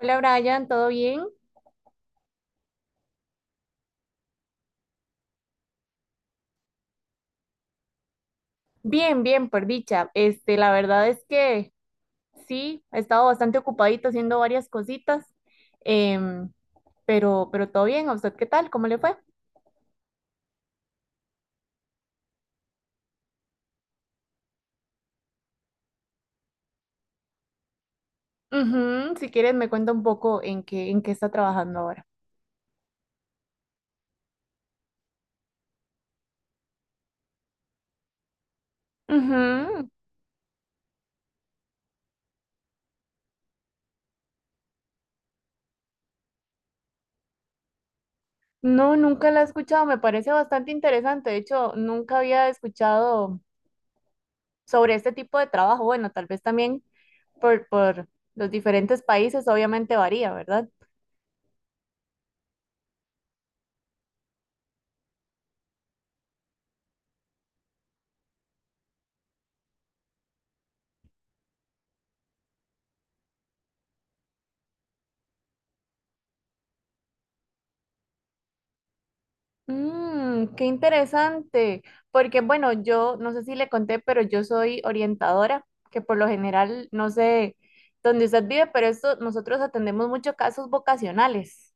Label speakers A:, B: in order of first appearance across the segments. A: Hola Brian, ¿todo bien? Bien, bien, por dicha. La verdad es que sí, he estado bastante ocupadito haciendo varias cositas, em, pero todo bien. ¿A usted qué tal? ¿Cómo le fue? Ujú. Si quieres, me cuenta un poco en qué está trabajando ahora. Ujú. No, nunca la he escuchado. Me parece bastante interesante. De hecho, nunca había escuchado sobre este tipo de trabajo. Bueno, tal vez también por los diferentes países, obviamente varía, ¿verdad? Mm, qué interesante, porque bueno, yo no sé si le conté, pero yo soy orientadora, que por lo general, no sé dónde usted vive, pero esto, nosotros atendemos muchos casos vocacionales,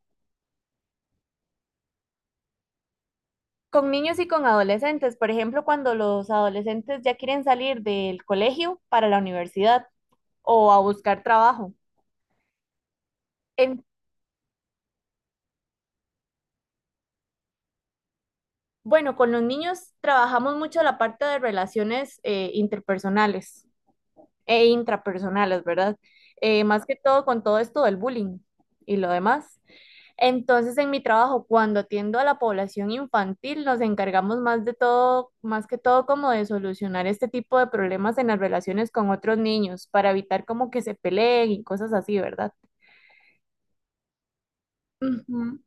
A: con niños y con adolescentes, por ejemplo, cuando los adolescentes ya quieren salir del colegio para la universidad o a buscar trabajo. En- bueno, con los niños trabajamos mucho la parte de relaciones interpersonales e intrapersonales, ¿verdad? Más que todo con todo esto del bullying y lo demás. Entonces, en mi trabajo, cuando atiendo a la población infantil, nos encargamos más de todo, más que todo como de solucionar este tipo de problemas en las relaciones con otros niños para evitar como que se peleen y cosas así, ¿verdad? Ujú.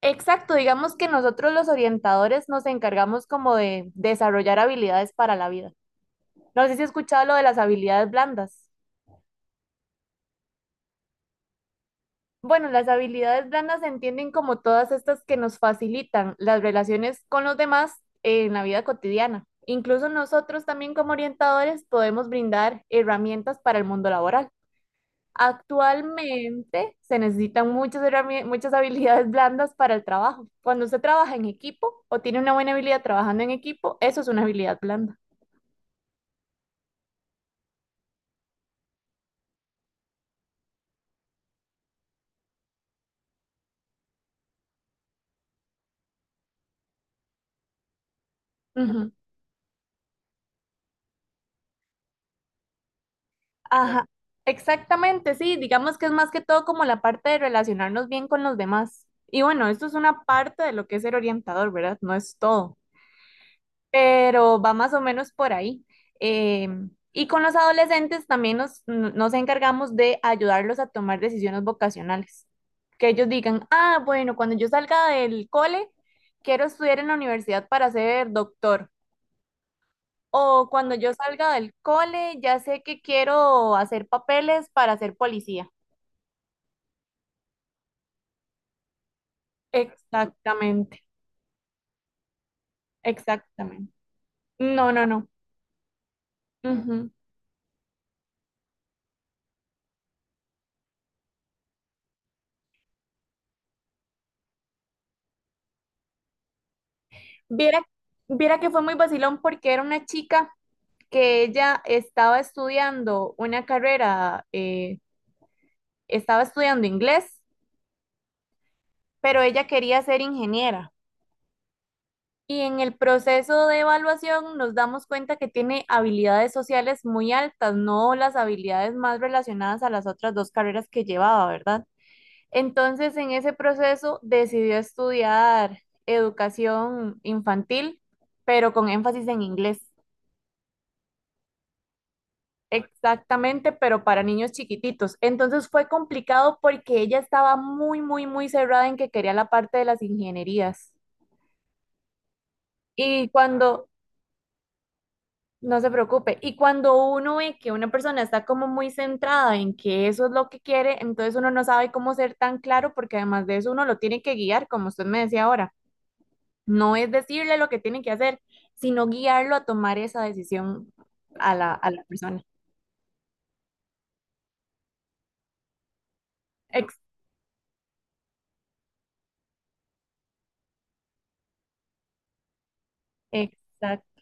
A: Exacto, digamos que nosotros los orientadores nos encargamos como de desarrollar habilidades para la vida. No sé si has escuchado lo de las habilidades blandas. Bueno, las habilidades blandas se entienden como todas estas que nos facilitan las relaciones con los demás en la vida cotidiana. Incluso nosotros también como orientadores podemos brindar herramientas para el mundo laboral. Actualmente se necesitan muchas, muchas habilidades blandas para el trabajo. Cuando usted trabaja en equipo o tiene una buena habilidad trabajando en equipo, eso es una habilidad blanda. Ujú. Ajá, exactamente, sí, digamos que es más que todo como la parte de relacionarnos bien con los demás. Y bueno, esto es una parte de lo que es ser orientador, ¿verdad? No es todo, pero va más o menos por ahí. Eh, y con los adolescentes también nos encargamos de ayudarlos a tomar decisiones vocacionales. Que ellos digan, ah, bueno, cuando yo salga del cole, quiero estudiar en la universidad para ser doctor. O cuando yo salga del cole, ya sé que quiero hacer papeles para ser policía. Exactamente, exactamente. No, no, no. Ujú. Viera, viera que fue muy vacilón porque era una chica que ella estaba estudiando una carrera, estaba estudiando inglés, pero ella quería ser ingeniera. Y en el proceso de evaluación nos damos cuenta que tiene habilidades sociales muy altas, no las habilidades más relacionadas a las otras dos carreras que llevaba, ¿verdad? Entonces, en ese proceso decidió estudiar educación infantil, pero con énfasis en inglés. Exactamente, pero para niños chiquititos. Entonces fue complicado porque ella estaba muy, muy, muy cerrada en que quería la parte de las ingenierías. Y cuando, No se preocupe. Y cuando uno ve que una persona está como muy centrada en que eso es lo que quiere, entonces uno no sabe cómo ser tan claro porque además de eso uno lo tiene que guiar, como usted me decía ahora. No es decirle lo que tiene que hacer, sino guiarlo a tomar esa decisión a la persona. Ex- exact-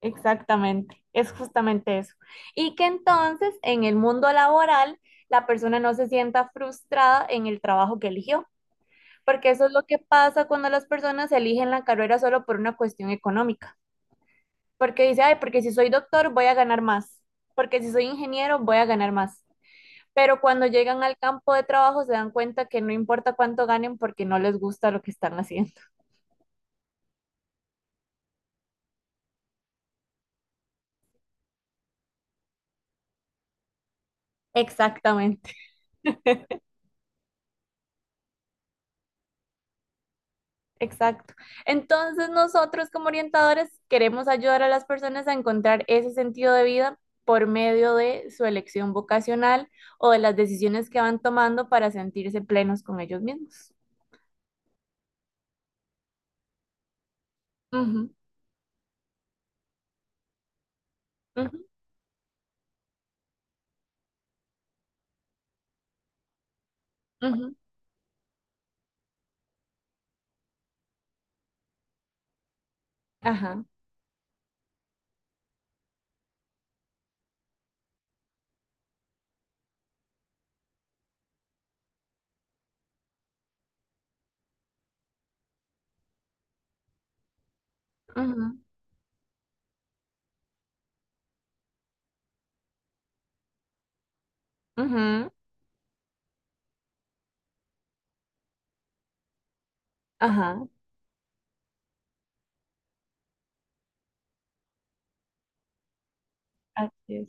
A: Exactamente. Es justamente eso. Y que entonces en el mundo laboral la persona no se sienta frustrada en el trabajo que eligió. Porque eso es lo que pasa cuando las personas eligen la carrera solo por una cuestión económica. Porque dice, ay, porque si soy doctor voy a ganar más. Porque si soy ingeniero voy a ganar más. Pero cuando llegan al campo de trabajo se dan cuenta que no importa cuánto ganen porque no les gusta lo que están haciendo. Exactamente, exacto. Entonces nosotros como orientadores queremos ayudar a las personas a encontrar ese sentido de vida por medio de su elección vocacional o de las decisiones que van tomando para sentirse plenos con ellos mismos. Ujú, ujú, ujú. Ajá, ujú, ujú, ajá, así es.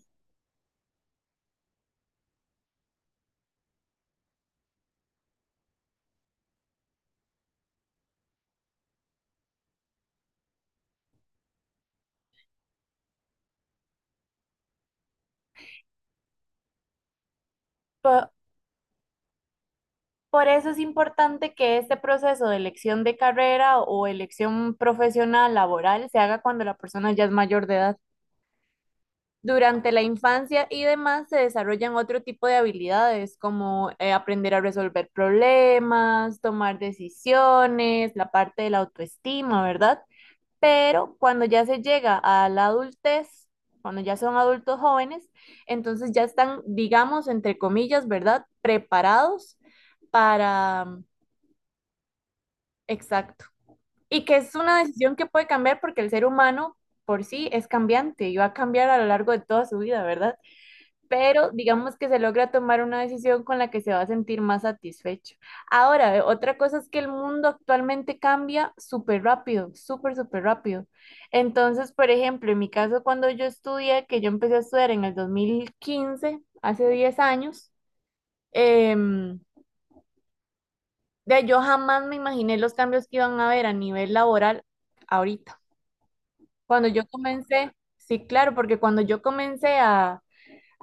A: Po- eso es importante que este proceso de elección de carrera o elección profesional laboral se haga cuando la persona ya es mayor de edad. Durante la infancia y demás se desarrollan otro tipo de habilidades como aprender a resolver problemas, tomar decisiones, la parte de la autoestima, ¿verdad? Pero cuando ya se llega a la adultez, cuando ya son adultos jóvenes, entonces ya están, digamos, entre comillas, ¿verdad? Preparados para, mm, exacto. Y que es una decisión que puede cambiar porque el ser humano por sí es cambiante y va a cambiar a lo largo de toda su vida, ¿verdad? Pero digamos que se logra tomar una decisión con la que se va a sentir más satisfecho. Ahora, otra cosa es que el mundo actualmente cambia súper rápido, súper, súper rápido. Entonces, por ejemplo, en mi caso, cuando yo estudié, que yo empecé a estudiar en el 2015, hace 10 años, em, yo jamás me imaginé los cambios que iban a haber a nivel laboral ahorita. Cuando yo comencé, sí, claro, porque cuando yo comencé a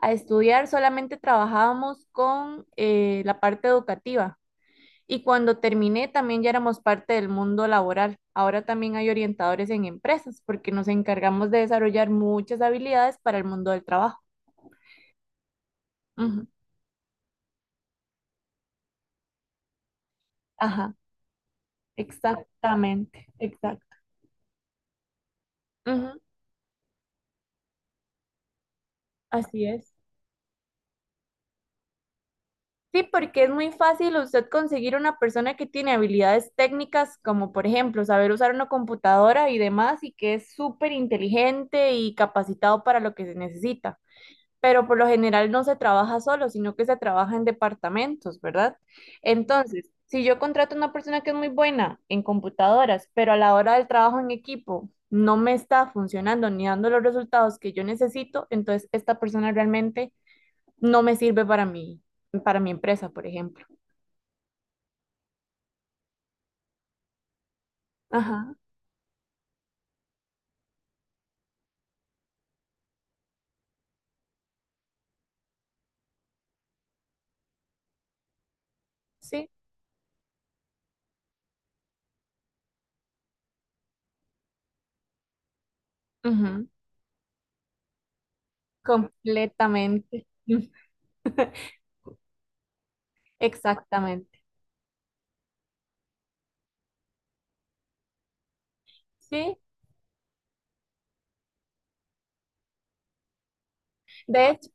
A: a estudiar, solamente trabajábamos con la parte educativa. Y cuando terminé, también ya éramos parte del mundo laboral. Ahora también hay orientadores en empresas, porque nos encargamos de desarrollar muchas habilidades para el mundo del trabajo. Ujú. Ajá, exactamente, exacto. Ujú. Así es. Sí, porque es muy fácil usted conseguir una persona que tiene habilidades técnicas, como por ejemplo saber usar una computadora y demás, y que es súper inteligente y capacitado para lo que se necesita. Pero por lo general no se trabaja solo, sino que se trabaja en departamentos, ¿verdad? Entonces, si yo contrato a una persona que es muy buena en computadoras, pero a la hora del trabajo en equipo no me está funcionando ni dando los resultados que yo necesito, entonces esta persona realmente no me sirve para mí, para mi empresa, por ejemplo. Ajá, sí, ujú, completamente. Exactamente. Sí, de hecho,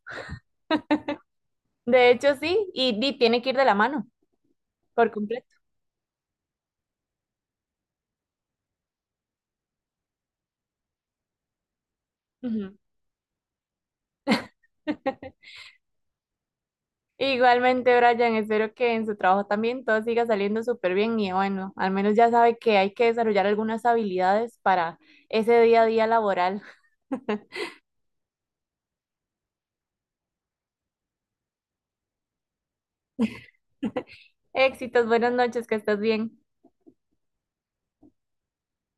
A: de hecho sí, y tiene que ir de la mano, por completo. Ujú. Igualmente, Brian, espero que en su trabajo también todo siga saliendo súper bien y bueno, al menos ya sabe que hay que desarrollar algunas habilidades para ese día a día laboral. Éxitos, buenas noches, que estés bien.